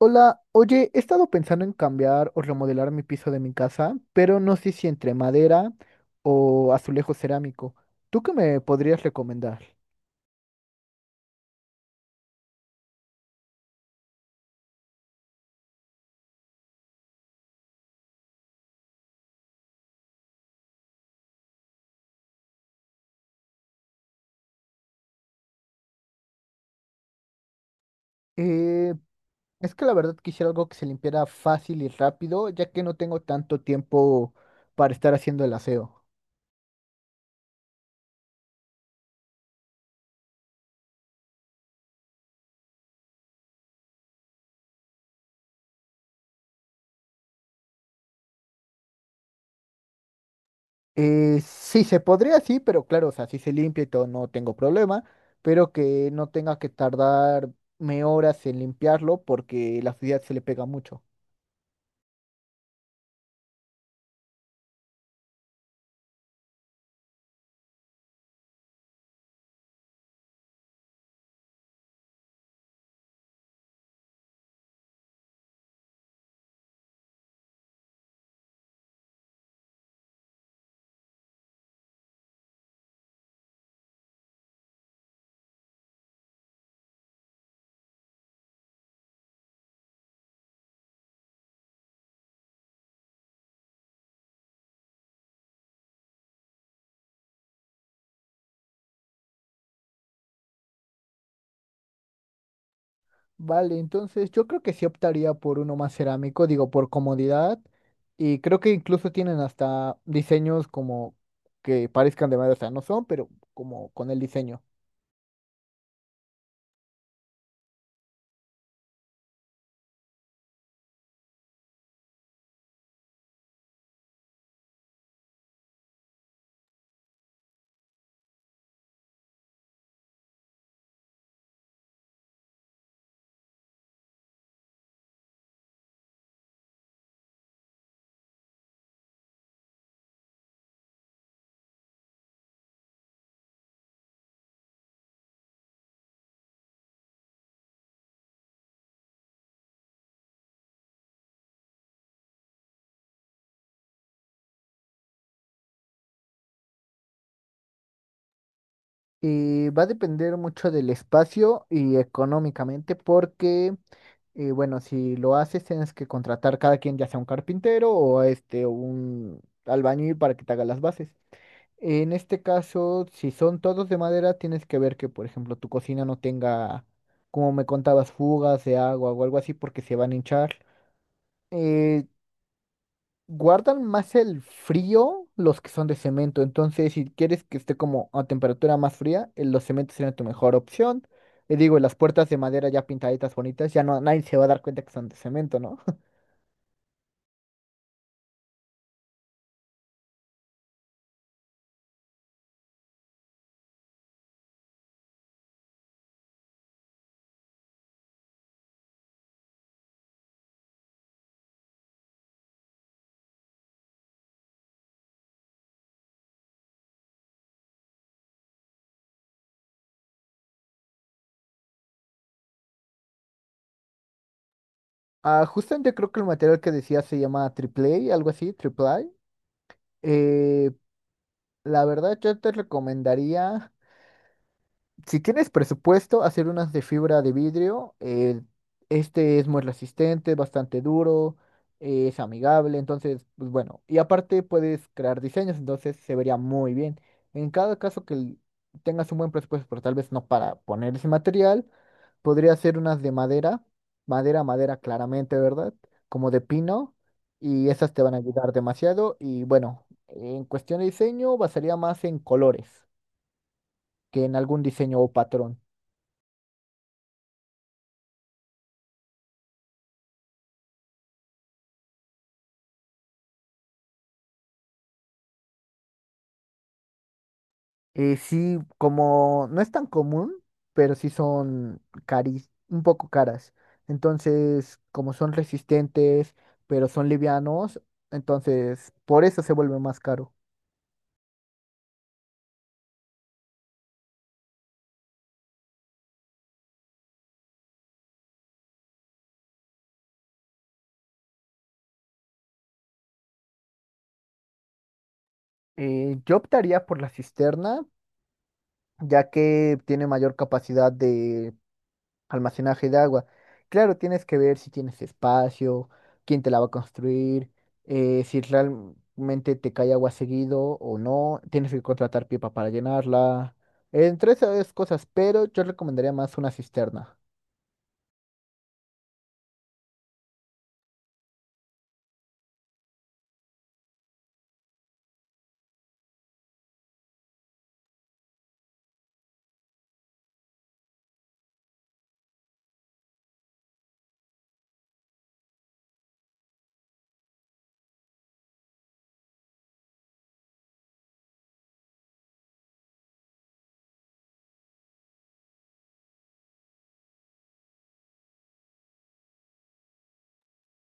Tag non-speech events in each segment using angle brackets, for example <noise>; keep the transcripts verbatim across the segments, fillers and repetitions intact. Hola, oye, he estado pensando en cambiar o remodelar mi piso de mi casa, pero no sé si entre madera o azulejo cerámico. ¿Tú qué me podrías recomendar? Eh, es que la verdad quisiera algo que se limpiara fácil y rápido, ya que no tengo tanto tiempo para estar haciendo el aseo. Eh, sí, se podría, sí, pero claro, o sea, si se limpia y todo, no tengo problema, pero que no tenga que tardarme horas en limpiarlo porque la suciedad se le pega mucho. Vale, entonces yo creo que sí optaría por uno más cerámico, digo, por comodidad. Y creo que incluso tienen hasta diseños como que parezcan de madera, o sea, no son, pero como con el diseño. Y va a depender mucho del espacio y económicamente, porque, eh, bueno, si lo haces, tienes que contratar cada quien, ya sea un carpintero o este, un albañil para que te haga las bases. En este caso, si son todos de madera, tienes que ver que, por ejemplo, tu cocina no tenga, como me contabas, fugas de agua o algo así porque se van a hinchar. Eh, Guardan más el frío los que son de cemento, entonces si quieres que esté como a temperatura más fría, eh, los cementos serían tu mejor opción. Y digo, las puertas de madera ya pintaditas bonitas, ya no, nadie se va a dar cuenta que son de cemento, ¿no? <laughs> Ah, justamente creo que el material que decía se llama triple A, algo así, triple A. Eh, La verdad, yo te recomendaría. Si tienes presupuesto, hacer unas de fibra de vidrio. Eh, este es muy resistente, bastante duro, eh, es amigable, entonces, pues bueno. Y aparte puedes crear diseños, entonces se vería muy bien. En cada caso que l- tengas un buen presupuesto, pero tal vez no para poner ese material, podría hacer unas de madera, madera, madera claramente, ¿verdad? Como de pino, y esas te van a ayudar demasiado. Y bueno, en cuestión de diseño, basaría más en colores que en algún diseño o patrón. Eh, sí, como no es tan común, pero sí son cari un poco caras. Entonces, como son resistentes, pero son livianos, entonces por eso se vuelve más caro. Eh, yo optaría por la cisterna, ya que tiene mayor capacidad de almacenaje de agua. Claro, tienes que ver si tienes espacio, quién te la va a construir, eh, si realmente te cae agua seguido o no, tienes que contratar pipa para llenarla, entre esas cosas, pero yo recomendaría más una cisterna.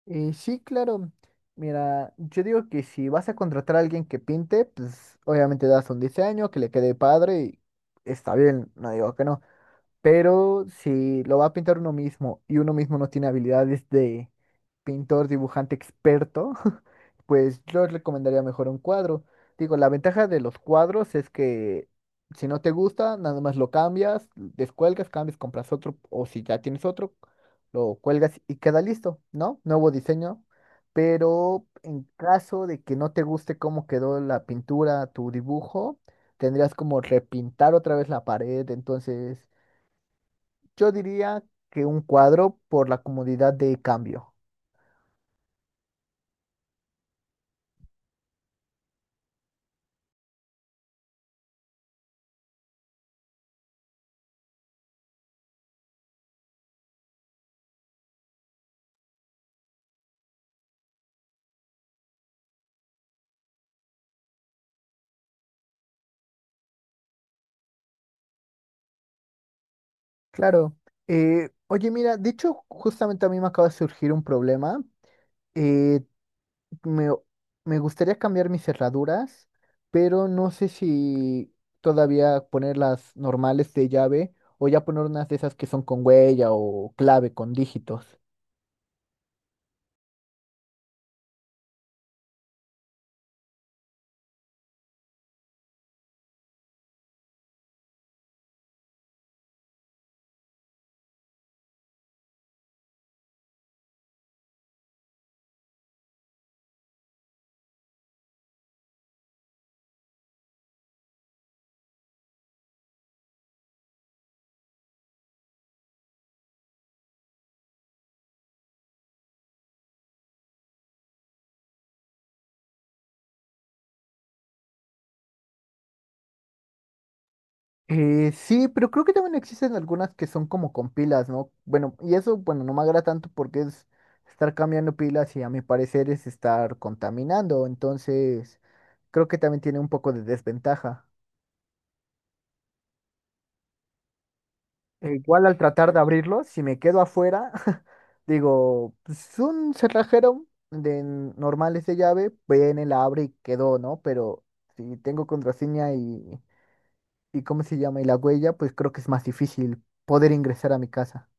Y sí, claro, mira, yo digo que si vas a contratar a alguien que pinte, pues obviamente das un diseño que le quede padre y está bien, no digo que no. Pero si lo va a pintar uno mismo y uno mismo no tiene habilidades de pintor, dibujante experto, <laughs> pues yo recomendaría mejor un cuadro. Digo, la ventaja de los cuadros es que si no te gusta, nada más lo cambias, descuelgas, cambias, compras otro, o si ya tienes otro, lo cuelgas y queda listo, ¿no? Nuevo diseño. Pero en caso de que no te guste cómo quedó la pintura, tu dibujo, tendrías como repintar otra vez la pared, entonces yo diría que un cuadro por la comodidad de cambio. Claro. Eh, oye, mira, de hecho, justamente a mí me acaba de surgir un problema. Eh, me, Me gustaría cambiar mis cerraduras, pero no sé si todavía poner las normales de llave o ya poner unas de esas que son con huella o clave con dígitos. Eh, sí, pero creo que también existen algunas que son como con pilas, ¿no? Bueno, y eso, bueno, no me agrada tanto porque es estar cambiando pilas y a mi parecer es estar contaminando, entonces creo que también tiene un poco de desventaja. E igual al tratar de abrirlo, si me quedo afuera, <laughs> digo, pues un cerrajero de n- normales de llave, viene, la abre y quedó, ¿no? Pero si tengo contraseña y, y ¿cómo se llama? Y la huella, pues creo que es más difícil poder ingresar a mi casa.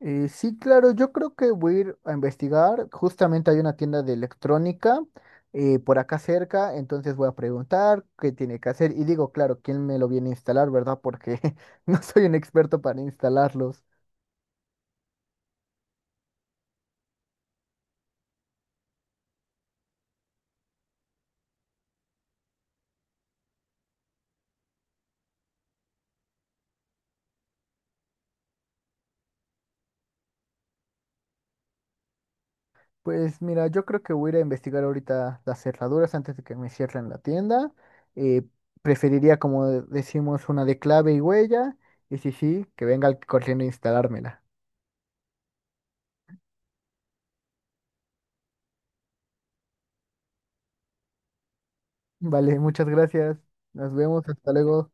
Eh, sí, claro, yo creo que voy a ir a investigar. Justamente hay una tienda de electrónica eh, por acá cerca, entonces voy a preguntar qué tiene que hacer. Y digo, claro, quién me lo viene a instalar, ¿verdad? Porque <laughs> no soy un experto para instalarlos. Pues mira, yo creo que voy a ir a investigar ahorita las cerraduras antes de que me cierren la tienda. Eh, Preferiría, como de- decimos, una de clave y huella. Y sí, sí, que venga corriendo a instalármela. Vale, muchas gracias. Nos vemos, hasta luego.